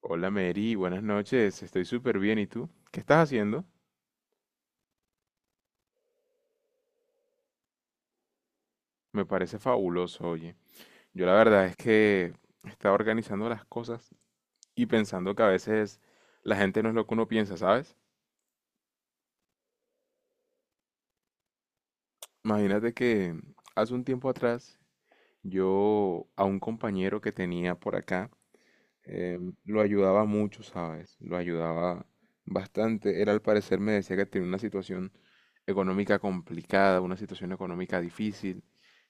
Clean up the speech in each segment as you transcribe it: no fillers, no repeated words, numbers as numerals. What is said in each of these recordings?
Hola Mary, buenas noches, estoy súper bien. ¿Y tú? ¿Qué estás haciendo? Me parece fabuloso, oye. Yo la verdad es que estaba organizando las cosas y pensando que a veces la gente no es lo que uno piensa, ¿sabes? Imagínate que hace un tiempo atrás yo a un compañero que tenía por acá lo ayudaba mucho, ¿sabes? Lo ayudaba bastante. Él al parecer me decía que tenía una situación económica complicada, una situación económica difícil.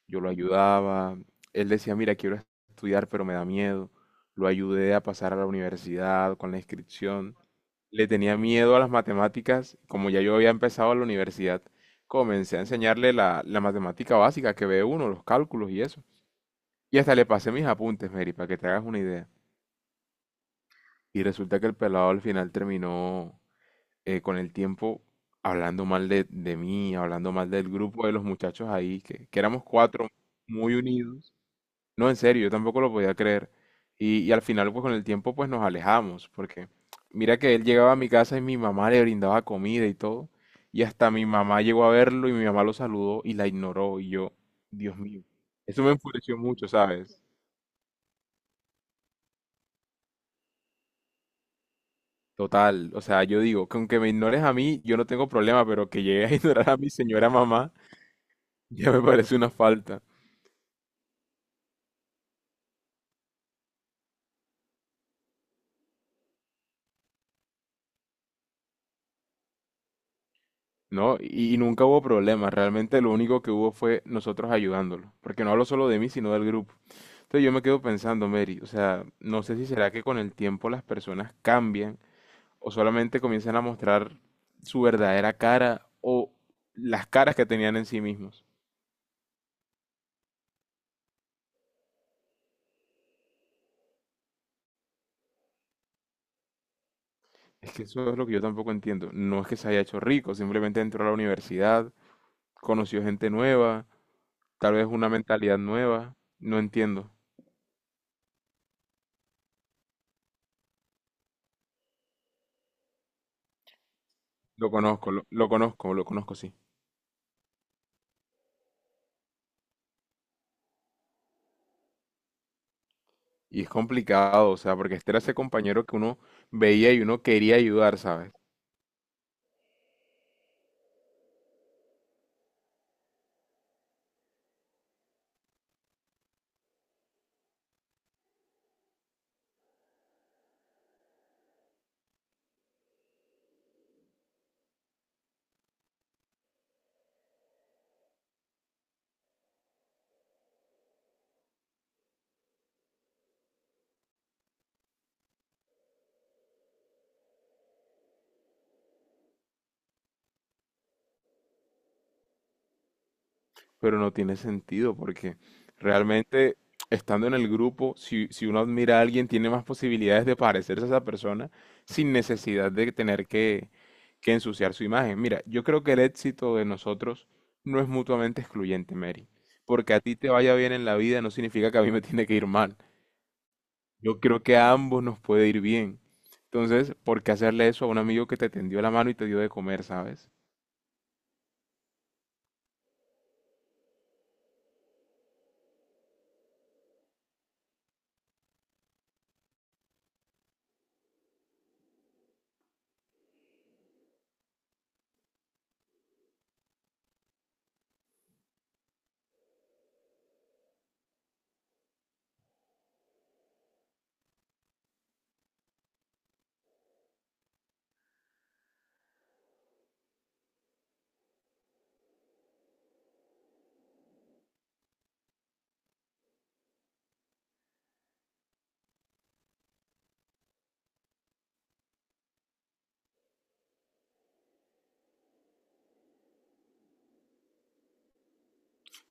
Yo lo ayudaba. Él decía, mira, quiero estudiar, pero me da miedo. Lo ayudé a pasar a la universidad con la inscripción. Le tenía miedo a las matemáticas. Como ya yo había empezado la universidad, comencé a enseñarle la matemática básica que ve uno, los cálculos y eso. Y hasta le pasé mis apuntes, Mary, para que te hagas una idea. Y resulta que el pelado al final terminó, con el tiempo, hablando mal de mí, hablando mal del grupo de los muchachos ahí, que éramos cuatro muy unidos. No, en serio, yo tampoco lo podía creer. Y al final, pues con el tiempo, pues nos alejamos, porque mira que él llegaba a mi casa y mi mamá le brindaba comida y todo. Y hasta mi mamá llegó a verlo y mi mamá lo saludó y la ignoró. Y yo, Dios mío, eso me enfureció mucho, ¿sabes? Total, o sea, yo digo, que aunque me ignores a mí, yo no tengo problema, pero que llegues a ignorar a mi señora mamá, ya me parece una falta, ¿no? Y nunca hubo problema, realmente lo único que hubo fue nosotros ayudándolo, porque no hablo solo de mí, sino del grupo. Entonces yo me quedo pensando, Mary, o sea, no sé si será que con el tiempo las personas cambian o solamente comienzan a mostrar su verdadera cara o las caras que tenían en sí mismos. Es que eso es lo que yo tampoco entiendo. No es que se haya hecho rico, simplemente entró a la universidad, conoció gente nueva, tal vez una mentalidad nueva. No entiendo. Lo conozco, lo conozco, lo conozco, sí. Y es complicado, o sea, porque este era ese compañero que uno veía y uno quería ayudar, ¿sabes? Pero no tiene sentido porque realmente estando en el grupo, si uno admira a alguien, tiene más posibilidades de parecerse a esa persona sin necesidad de tener que ensuciar su imagen. Mira, yo creo que el éxito de nosotros no es mutuamente excluyente, Mary. Porque a ti te vaya bien en la vida no significa que a mí me tiene que ir mal. Yo creo que a ambos nos puede ir bien. Entonces, ¿por qué hacerle eso a un amigo que te tendió la mano y te dio de comer, sabes?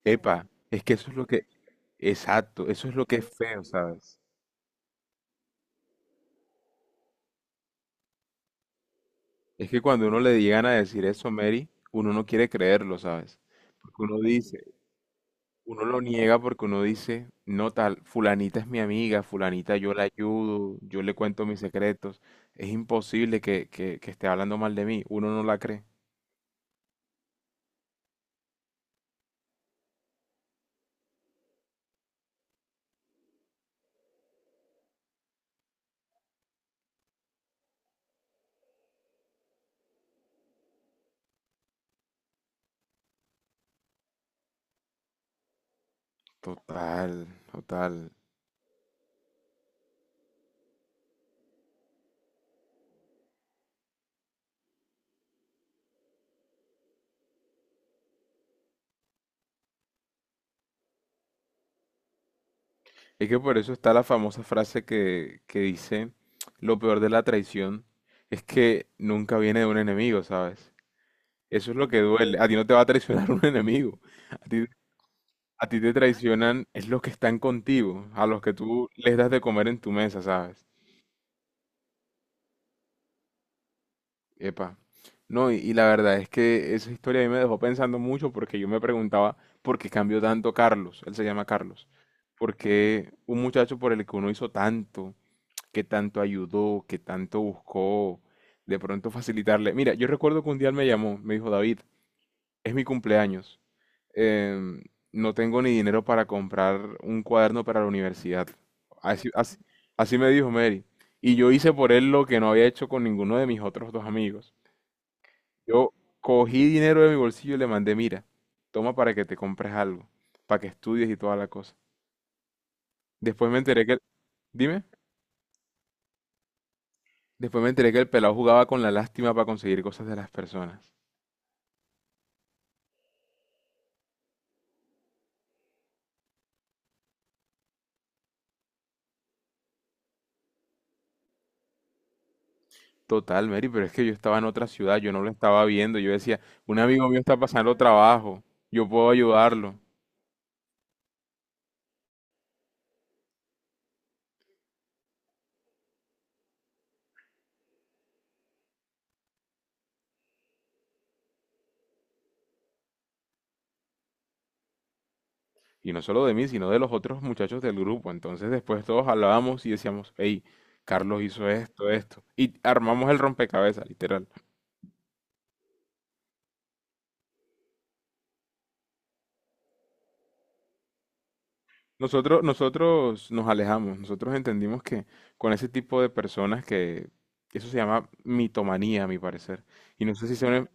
Epa, es que eso es lo que, exacto, eso es lo que es feo, ¿sabes? Es que cuando uno le llegan a decir eso, Mary, uno no quiere creerlo, ¿sabes? Porque uno dice, uno lo niega porque uno dice, no tal, fulanita es mi amiga, fulanita yo la ayudo, yo le cuento mis secretos, es imposible que esté hablando mal de mí, uno no la cree. Total, total. Es que por eso está la famosa frase que dice, lo peor de la traición es que nunca viene de un enemigo, ¿sabes? Eso es lo que duele. A ti no te va a traicionar un enemigo. A ti, a ti te traicionan es los que están contigo, a los que tú les das de comer en tu mesa, ¿sabes? Epa. No, y la verdad es que esa historia a mí me dejó pensando mucho porque yo me preguntaba por qué cambió tanto Carlos. Él se llama Carlos. ¿Por qué un muchacho por el que uno hizo tanto, que tanto ayudó, que tanto buscó, de pronto facilitarle? Mira, yo recuerdo que un día él me llamó, me dijo, David, es mi cumpleaños. em, no tengo ni dinero para comprar un cuaderno para la universidad. Así, así- Así me dijo, Mary. Y yo hice por él lo que no había hecho con ninguno de mis otros dos amigos. Yo cogí dinero de mi bolsillo y le mandé, mira, toma para que te compres algo, para que estudies y toda la cosa. Después me enteré que, dime, después me enteré que el pelado jugaba con la lástima para conseguir cosas de las personas. Total, Mary, pero es que yo estaba en otra ciudad, yo no lo estaba viendo, yo decía, un amigo mío está pasando trabajo, yo puedo ayudarlo. Y no solo de mí, sino de los otros muchachos del grupo. Entonces después todos hablábamos y decíamos, hey, Carlos hizo esto, esto. Y armamos el rompecabezas, literal. Nosotros nos alejamos, nosotros entendimos que con ese tipo de personas que eso se llama mitomanía, a mi parecer. Y no sé si sea una,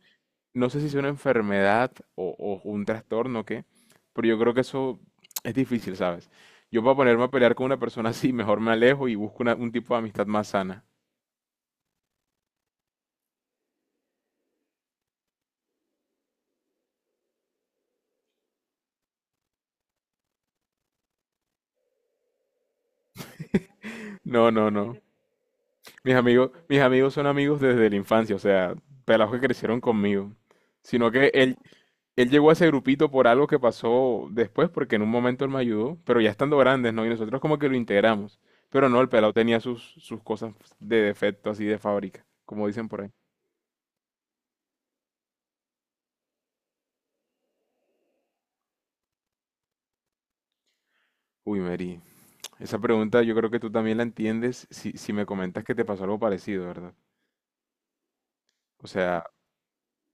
no sé si sea una enfermedad o un trastorno o qué, pero yo creo que eso es difícil, ¿sabes? Yo para ponerme a pelear con una persona así, mejor me alejo y busco una- un tipo de amistad más sana. No, no, no. Mis amigos son amigos desde la infancia, o sea, pelados que crecieron conmigo. Sino que él llegó a ese grupito por algo que pasó después, porque en un momento él me ayudó, pero ya estando grandes, ¿no? Y nosotros como que lo integramos. Pero no, el pelado tenía sus cosas de defecto así de fábrica, como dicen por ahí. Uy, Mary, esa pregunta yo creo que tú también la entiendes si me comentas que te pasó algo parecido, ¿verdad? O sea,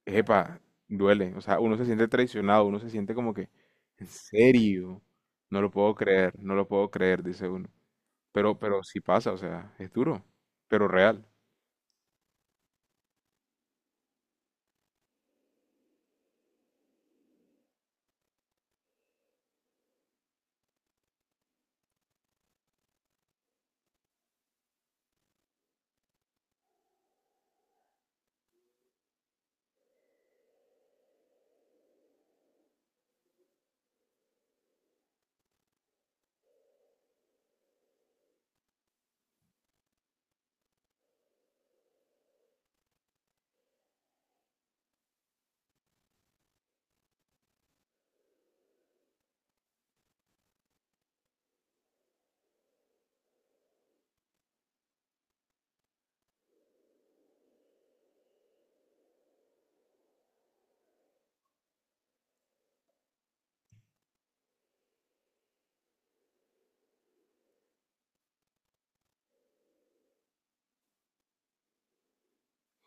epa, duele. O sea, uno se siente traicionado, uno se siente como que, en serio, no lo puedo creer, no lo puedo creer, dice uno. Pero sí pasa, o sea, es duro, pero real.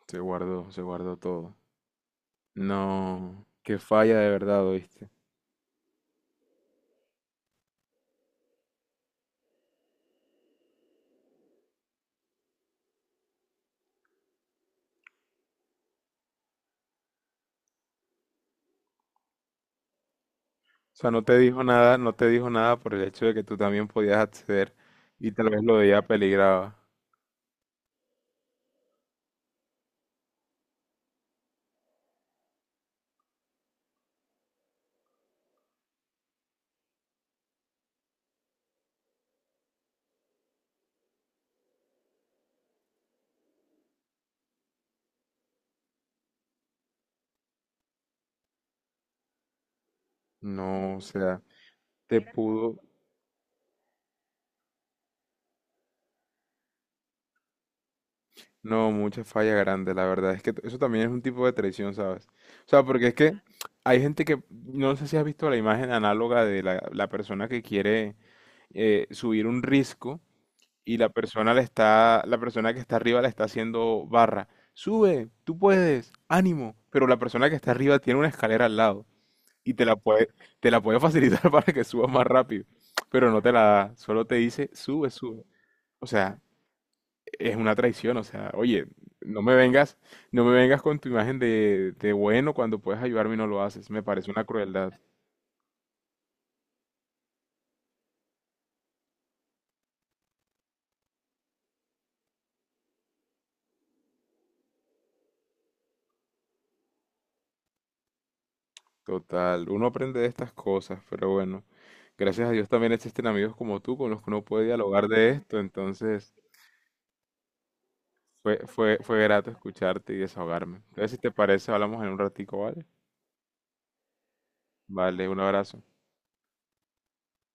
Se guardó todo. No, qué falla de verdad, ¿oíste? O sea, no te dijo nada, no te dijo nada por el hecho de que tú también podías acceder y tal vez lo de ella peligraba. No, o sea, te pudo, no, mucha falla grande, la verdad. Es que t- eso también es un tipo de traición, ¿sabes? O sea, porque es que hay gente que, no sé si has visto la imagen análoga de la persona que quiere subir un risco y la persona le está, la persona que está arriba le está haciendo barra. Sube, tú puedes, ánimo. Pero la persona que está arriba tiene una escalera al lado y te la puede facilitar para que subas más rápido, pero no te la da, solo te dice, sube, sube. O sea, es una traición, o sea, oye, no me vengas, no me vengas con tu imagen de bueno cuando puedes ayudarme y no lo haces. Me parece una crueldad total. Uno aprende de estas cosas, pero bueno, gracias a Dios también existen amigos como tú con los que uno puede dialogar de esto, entonces fue grato escucharte y desahogarme. Entonces, si te parece, hablamos en un ratico, ¿vale? Vale, un abrazo.